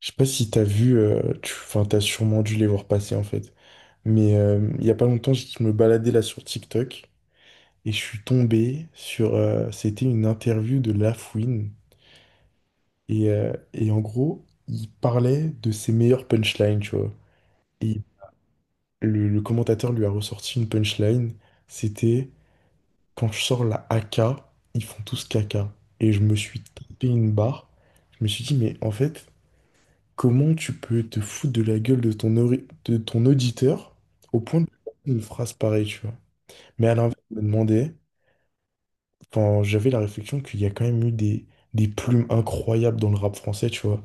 Je sais pas si t'as vu, tu, enfin, t'as sûrement dû les voir passer en fait. Mais il y a pas longtemps, je me baladais là sur TikTok et je suis tombé sur, c'était une interview de Lafouine et en gros, il parlait de ses meilleures punchlines, tu vois. Et le commentateur lui a ressorti une punchline, c'était quand je sors la AK, ils font tous caca. Et je me suis tapé une barre. Je me suis dit mais en fait. Comment tu peux te foutre de la gueule de ton, de ton auditeur au point de une phrase pareille, tu vois? Mais à l'inverse, je me demandais, quand j'avais la réflexion qu'il y a quand même eu des plumes incroyables dans le rap français, tu vois,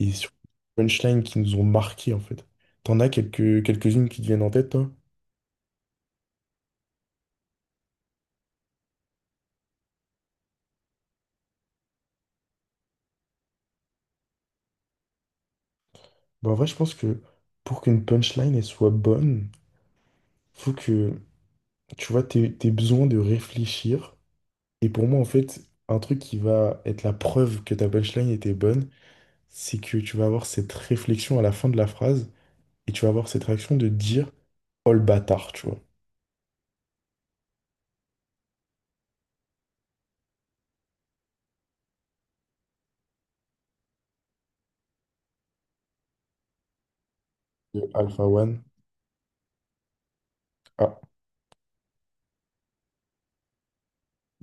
et sur punchline qui nous ont marqué, en fait. T'en as quelques-unes qui te viennent en tête, toi? Bah, en vrai, je pense que pour qu'une punchline, elle soit bonne, faut que, tu vois, t'aies besoin de réfléchir. Et pour moi, en fait, un truc qui va être la preuve que ta punchline était bonne, c'est que tu vas avoir cette réflexion à la fin de la phrase et tu vas avoir cette réaction de dire Oh le bâtard, tu vois. Et Alpha One. Ah,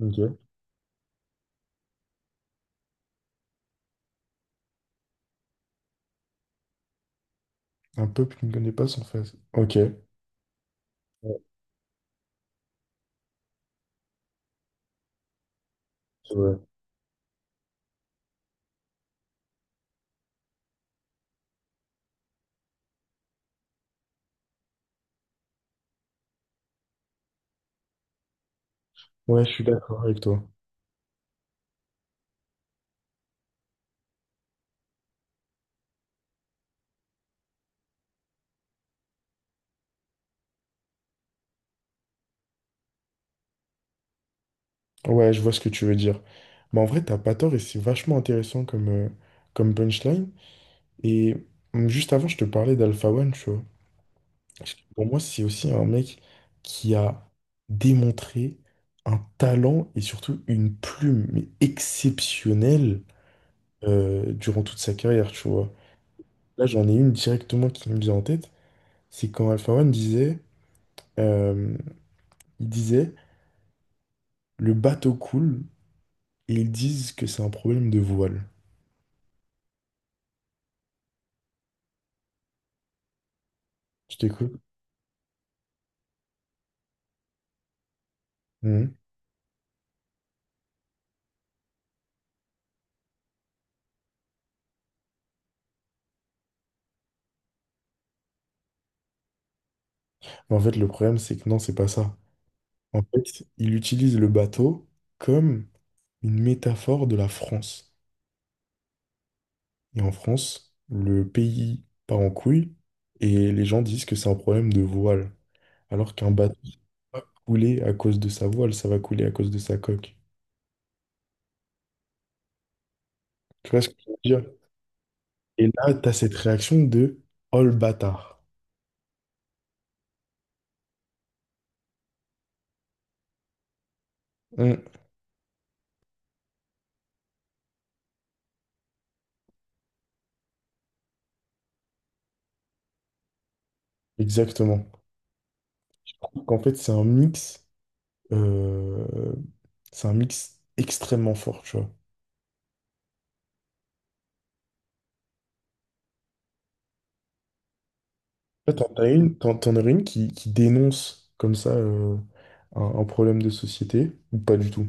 ok. Un peuple qui ne connaît pas son face. Ok. Ouais, c'est vrai. Ouais, je suis d'accord avec toi. Ouais, je vois ce que tu veux dire. Mais en vrai, t'as pas tort et c'est vachement intéressant comme, comme punchline. Et juste avant, je te parlais d'Alpha One, tu vois. Parce que Pour moi, c'est aussi un mec qui a démontré un talent et surtout une plume mais exceptionnelle durant toute sa carrière, tu vois. Là, j'en ai une directement qui me vient en tête, c'est quand Alpha One disait, euh, il disait, le bateau coule et ils disent que c'est un problème de voile. Je t'écoute. Mhm. Mais en fait, le problème, c'est que non, c'est pas ça. En fait, il utilise le bateau comme une métaphore de la France. Et en France, le pays part en couille et les gens disent que c'est un problème de voile. Alors qu'un bateau va couler à cause de sa voile, ça va couler à cause de sa coque. Tu vois ce que je veux dire? Et là, tu as cette réaction de Oh le bâtard. Mm. Exactement. Je trouve qu'en fait, euh, c'est un mix extrêmement fort, tu vois. En fait, t'en as une, t'en aurais une qui dénonce comme ça un problème de société, ou pas du tout.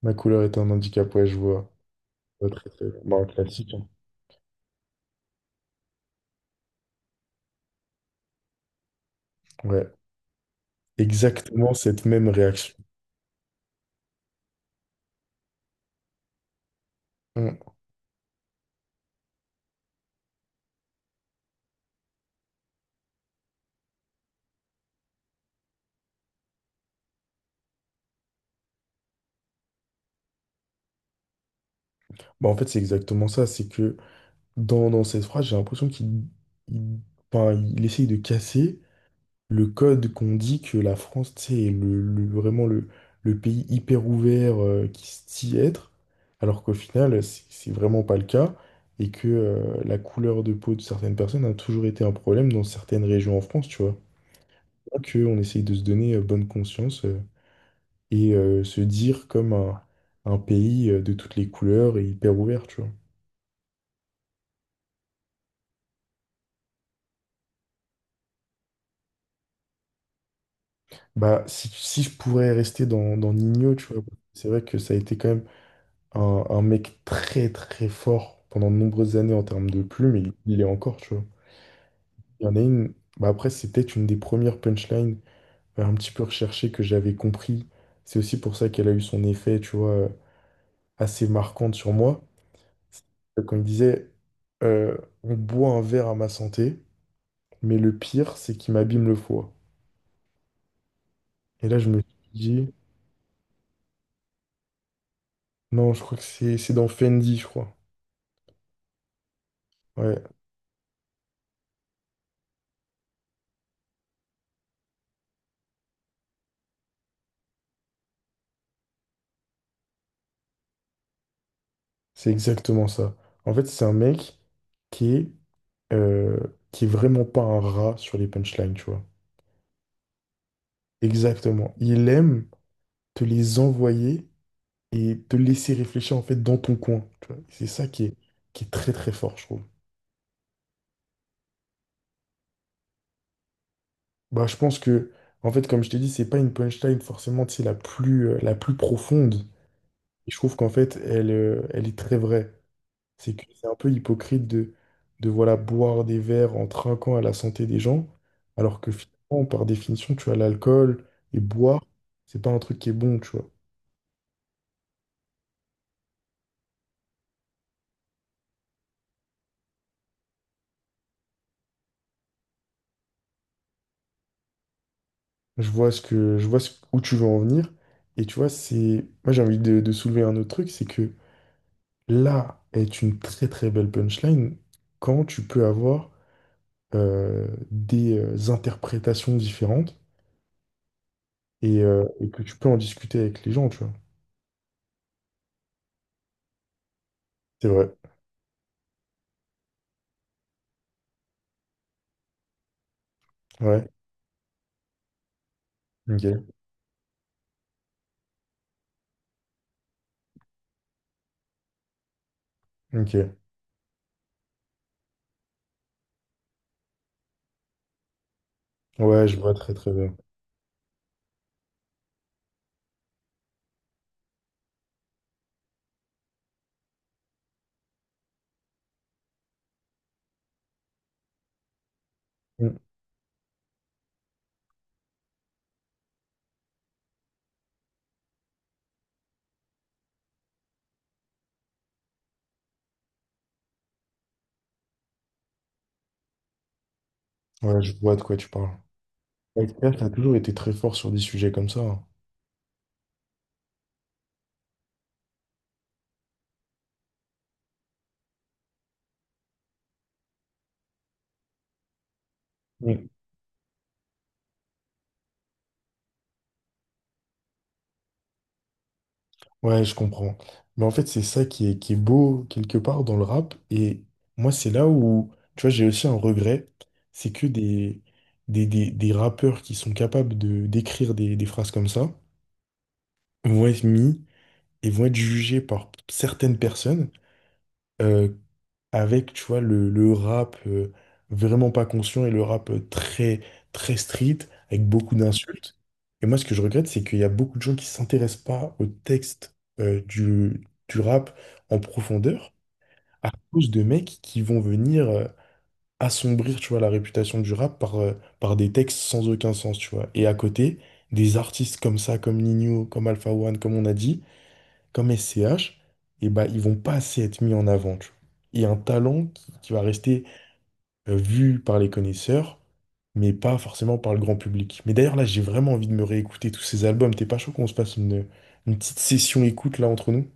Ma couleur est un handicap, ouais, je vois. Ouais, très, très bien. Bah, un classique, hein. Ouais, exactement cette même réaction. Mm. Bah, en fait, c'est exactement ça, c'est que dans cette phrase, j'ai l'impression qu'il il, enfin, il essaye de casser le code qu'on dit que la France, tu sais, est vraiment le pays hyper ouvert qui se dit être, alors qu'au final, c'est vraiment pas le cas, et que la couleur de peau de certaines personnes a toujours été un problème dans certaines régions en France, tu vois. Que on essaye de se donner bonne conscience et se dire comme un pays de toutes les couleurs et hyper ouvert, tu vois. Bah, si, si je pourrais rester dans Nino, tu vois, c'est vrai que ça a été quand même un mec très très fort pendant de nombreuses années en termes de plumes, et il est encore, tu vois. Il y en a une, bah après, c'est peut-être une des premières punchlines un petit peu recherchées que j'avais compris. C'est aussi pour ça qu'elle a eu son effet, tu vois, assez marquante sur moi. C'est Quand il disait euh, on boit un verre à ma santé, mais le pire, c'est qu'il m'abîme le foie. Et là, je me suis dit, non, je crois que c'est dans Fendi, je crois. Ouais. C'est exactement ça. En fait, c'est un mec qui est, euh, qui est vraiment pas un rat sur les punchlines, tu vois. Exactement. Il aime te les envoyer et te laisser réfléchir en fait dans ton coin, tu vois. C'est ça qui est très très fort, je trouve. Bah, je pense que, en fait, comme je t'ai dit, c'est pas une punchline forcément, tu sais, la plus profonde. Et je trouve qu'en fait, elle, elle est très vraie. C'est que c'est un peu hypocrite de voilà, boire des verres en trinquant à la santé des gens, alors que finalement, par définition, tu as l'alcool et boire, c'est pas un truc qui est bon, tu vois. Je vois ce que, je vois ce- où tu veux en venir. Et tu vois, c'est. Moi, j'ai envie de soulever un autre truc, c'est que là est une très très belle punchline quand tu peux avoir des interprétations différentes et que tu peux en discuter avec les gens, tu vois. C'est vrai. Ouais. Ok. Ok. Ouais, je vois très très bien. Mm. Ouais, je vois de quoi tu parles. L'expert a toujours été très fort sur des sujets comme ça, hein. Mm. Ouais, je comprends. Mais en fait, c'est ça qui est beau quelque part dans le rap. Et moi, c'est là où, tu vois, j'ai aussi un regret. C'est que des rappeurs qui sont capables de d'écrire des phrases comme ça vont être mis et vont être jugés par certaines personnes euh, avec, tu vois, le rap vraiment pas conscient et le rap très, très street, avec beaucoup d'insultes. Et moi, ce que je regrette, c'est qu'il y a beaucoup de gens qui s'intéressent pas au texte du rap en profondeur, à cause de mecs qui vont venir assombrir, tu vois, la réputation du rap par, par des textes sans aucun sens, tu vois. Et à côté, des artistes comme ça, comme Nino, comme Alpha One, comme on a dit, comme SCH, et ben ils vont pas assez être mis en avant, tu vois. Et un talent qui va rester vu par les connaisseurs, mais pas forcément par le grand public. Mais d'ailleurs, là, j'ai vraiment envie de me réécouter tous ces albums. T'es pas chaud qu'on se passe une petite session écoute là entre nous?